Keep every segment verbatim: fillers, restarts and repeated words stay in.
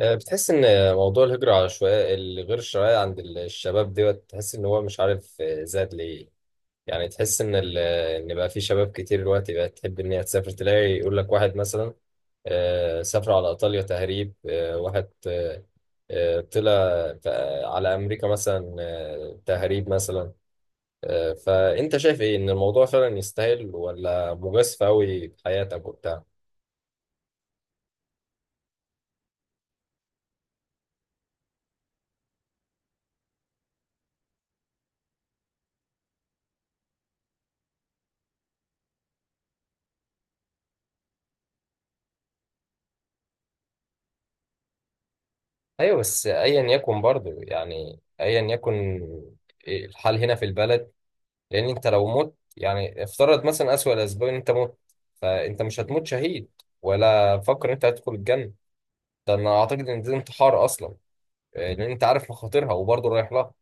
آه، بتحس ان موضوع الهجرة على شوية الغير شرعية عند الشباب دوت تحس ان هو مش عارف، آه، زاد ليه؟ يعني تحس ان ال- ان بقى في شباب كتير دلوقتي بقت تحب ان هي تسافر، تلاقي يقول لك واحد مثلا آه، سافر على ايطاليا تهريب، آه، واحد آه، آه، طلع بقى على امريكا مثلا، آه، تهريب مثلا. آه، فانت شايف ايه، ان الموضوع فعلا يستاهل ولا مجازفة قوي في حياتك وبتاع؟ ايوه، بس ايا يكن برضه، يعني ايا يكن الحال هنا في البلد. لان انت لو مت، يعني افترض مثلا اسوأ الاسباب ان انت مت، فانت مش هتموت شهيد ولا فكر ان انت هتدخل الجنه. ده انا اعتقد ان ده انتحار اصلا، لان انت عارف مخاطرها وبرضه رايح لها.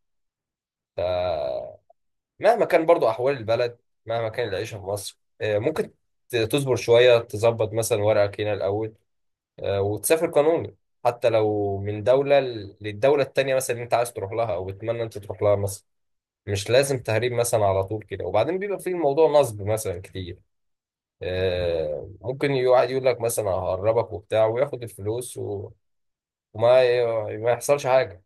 فمهما كان برضه احوال البلد، مهما كان العيشه في مصر، آه، ممكن ت- تصبر شويه، تظبط مثلا ورقك هنا الاول، آه، وتسافر قانوني. حتى لو من دولة ل- للدولة التانية مثلا اللي انت عايز تروح لها او بتتمنى انت تروح لها مثلا. مش لازم تهريب مثلا على طول كده، وبعدين بيبقى في الموضوع نصب مثلا كتير، آه، ممكن يقعد يقول لك مثلا ههربك وبتاع وياخد الفلوس و- وما ي- ما يحصلش حاجة.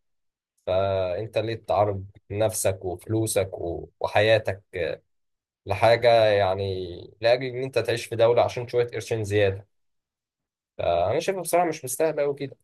فانت ليه تعرض نفسك وفلوسك و- وحياتك، آه، لحاجة يعني؟ لأجل إن أنت تعيش في دولة عشان شوية قرشين زيادة. فأنا شايفها بصراحة مش مستاهلة أوي كده.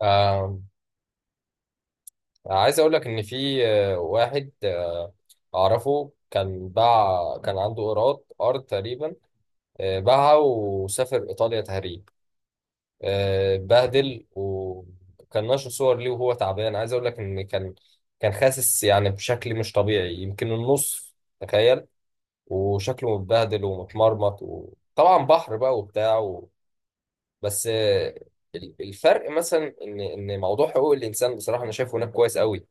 اه، عايز اقول لك ان في آه، واحد آه، اعرفه، كان باع، كان عنده ايراد ارض تقريبا، آه، باعها وسافر ايطاليا تهريب. آه، اتبهدل وكان نشر صور ليه وهو تعبان، عايز اقول لك ان كان كان خاسس يعني بشكل مش طبيعي، يمكن النص، تخيل. وشكله متبهدل ومتمرمط، وطبعا بحر بقى وبتاع و... بس، آه، الفرق مثلا ان ان موضوع حقوق الانسان، بصراحه انا شايفه هناك كويس قوي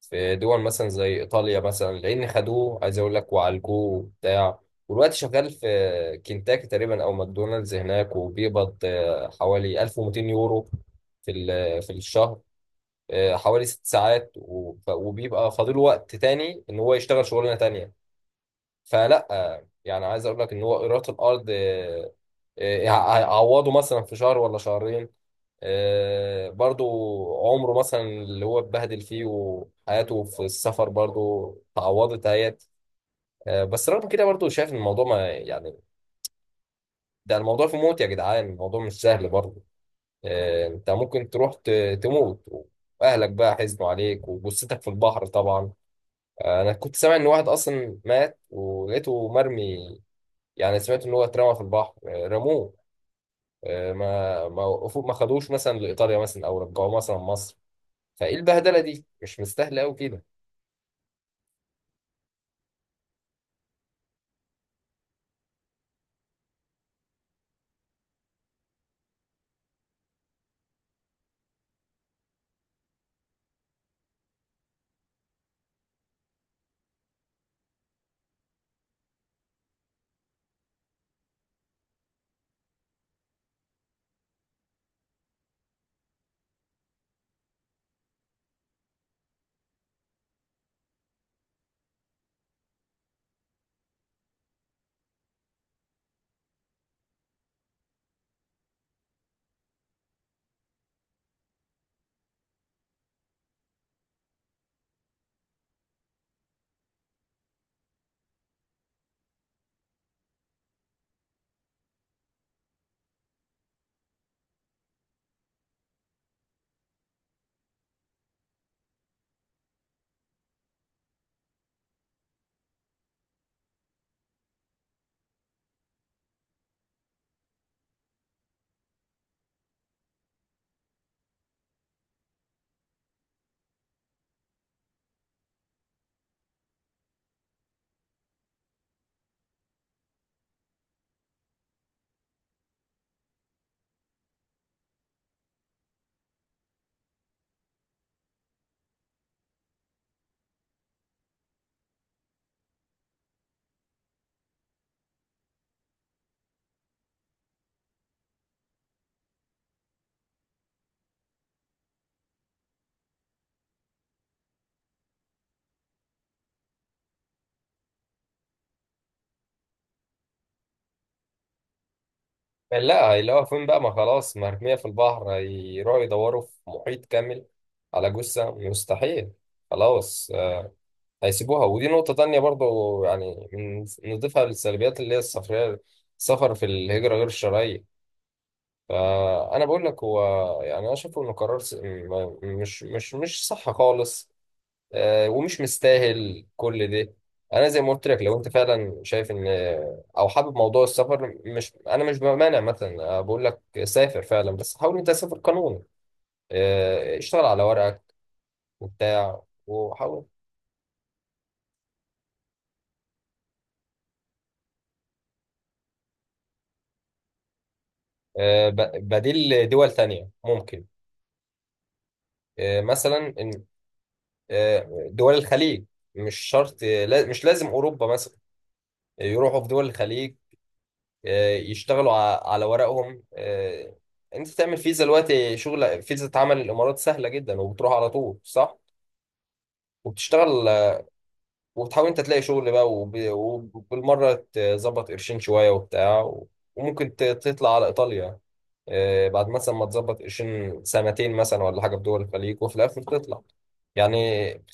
في دول مثلا زي ايطاليا مثلا. لان خدوه، عايز اقول لك، وعالجوه وبتاع، والوقت شغال في كنتاكي تقريبا او ماكدونالدز هناك، وبيقبض آه، حوالي ألف ومايتين يورو في ال- في الشهر، آه، حوالي ست ساعات، وب- وبيبقى فاضله وقت تاني ان هو يشتغل شغلانه تانيه. فلا يعني، عايز اقول لك ان هو ايرات الارض آه، آه، آه، هيعوضه مثلا في شهر ولا شهرين، آه، برضو عمره مثلا اللي هو اتبهدل فيه وحياته في السفر برضو اتعوضت اهيت. آه، بس رغم كده برضو شايف ان الموضوع ما يعني، ده الموضوع في موت يا جدعان، الموضوع مش سهل برضو. آه، انت ممكن تروح ت- تموت، واهلك بقى حزنوا عليك وجثتك في البحر طبعا. آه، انا كنت سامع ان واحد اصلا مات ولقيته مرمي، يعني سمعت ان هو اترمى في البحر، آه، رموه، آه، ما ما وقفوه، ما خدوش مثلا لايطاليا مثلا او رجعوه مثلا مصر. فايه، البهدله دي مش مستاهله قوي كده. لا، هيلاقوها فين بقى؟ ما خلاص مرميه في البحر، هيروحوا يدوروا في محيط كامل على جثه؟ مستحيل. خلاص، آه، هيسيبوها. ودي نقطه تانية برضو، يعني من- نضيفها للسلبيات اللي هي السفريه، السفر في الهجره غير الشرعيه. فانا بقول لك هو، يعني انا شايفه انه قرار س- م- مش مش مش صح خالص، آه، ومش مستاهل كل ده. انا زي ما قلت لك، لو انت فعلا شايف ان، او حابب موضوع السفر، مش، انا مش بمانع مثلا، أنا بقول لك سافر فعلا، بس حاول انت تسافر قانوني، آه، اشتغل على ورقك وبتاع، وحاول آه، ب- بديل، دول تانية ممكن، آه، مثلا إن- آه، دول الخليج. مش شرط، لا- مش لازم اوروبا مثلا، يروحوا في دول الخليج، آه، يشتغلوا ع- على ورقهم. آه، انت تعمل فيزا دلوقتي، شغل، فيزا اتعمل الامارات سهله جدا وبتروح على طول، صح، وبتشتغل، آه، وبتحاول انت تلاقي شغل بقى، وب- وبالمره تظبط قرشين شويه وبتاع و- وممكن ت- تطلع على ايطاليا، آه، بعد مثلا ما تظبط قرشين سنتين مثلا ولا حاجه في دول الخليج، وفي الاخر تطلع. يعني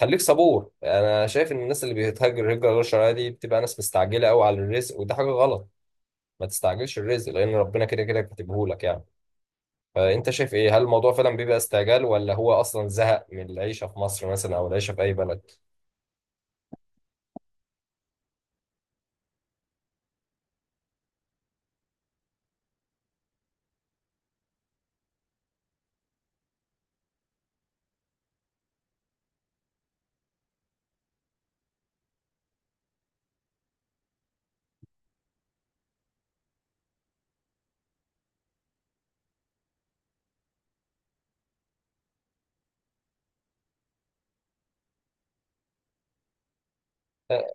خليك صبور. انا شايف ان الناس اللي بتهاجر هجره غير شرعيه دي بتبقى ناس مستعجله قوي على الرزق، وده حاجه غلط. ما تستعجلش الرزق، لان ربنا كده كده كاتبهولك يعني. فانت شايف ايه؟ هل الموضوع فعلا بيبقى استعجال، ولا هو اصلا زهق من العيشه في مصر مثلا او العيشه في اي بلد؟ آه،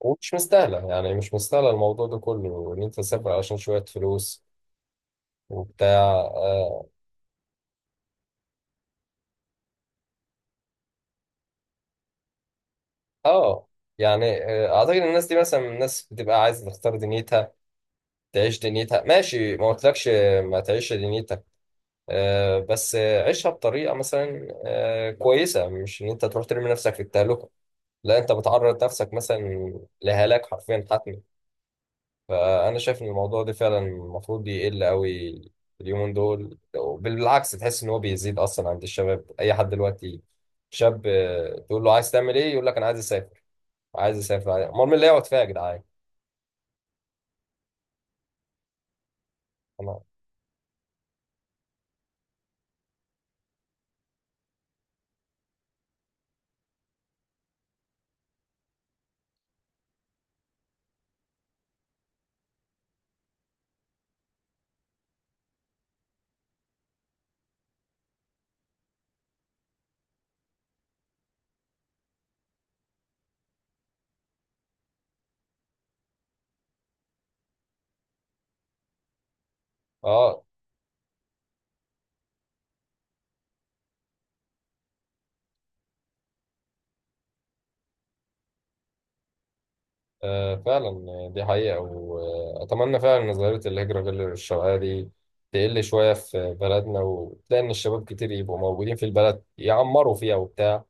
ومش مستاهله، يعني مش مستاهله الموضوع ده كله ان انت تسافر عشان شويه فلوس وبتاع. اه. آه يعني آه اعتقد الناس دي مثلا الناس بتبقى عايزه تختار دنيتها، تعيش دنيتها، ماشي، ما قلتلكش ما تعيش دنيتك، آه بس آه، عيشها بطريقه مثلا آه كويسه، مش ان انت تروح ترمي نفسك في التهلكه. لا، انت بتعرض نفسك مثلا لهلاك حرفيا حتمي. فانا شايف ان الموضوع ده فعلا المفروض يقل قوي اليومين دول. بالعكس، تحس ان هو بيزيد اصلا عند الشباب، اي حد دلوقتي شاب، آه، تقول له عايز تعمل ايه، يقول لك انا عايز اسافر، عايز اسافر، عايز- امال مين اللي يقعد فيها يا جدعان؟ أنا- اه. آه، فعلا دي حقيقة، وأتمنى فعلا إن ظاهرة الهجرة غير الشرعية دي تقل شوية في بلدنا، وتلاقي إن الشباب كتير يبقوا موجودين في البلد، يعمروا فيها وبتاع.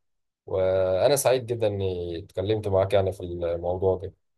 وأنا سعيد جدا إني اتكلمت معاك يعني في الموضوع ده.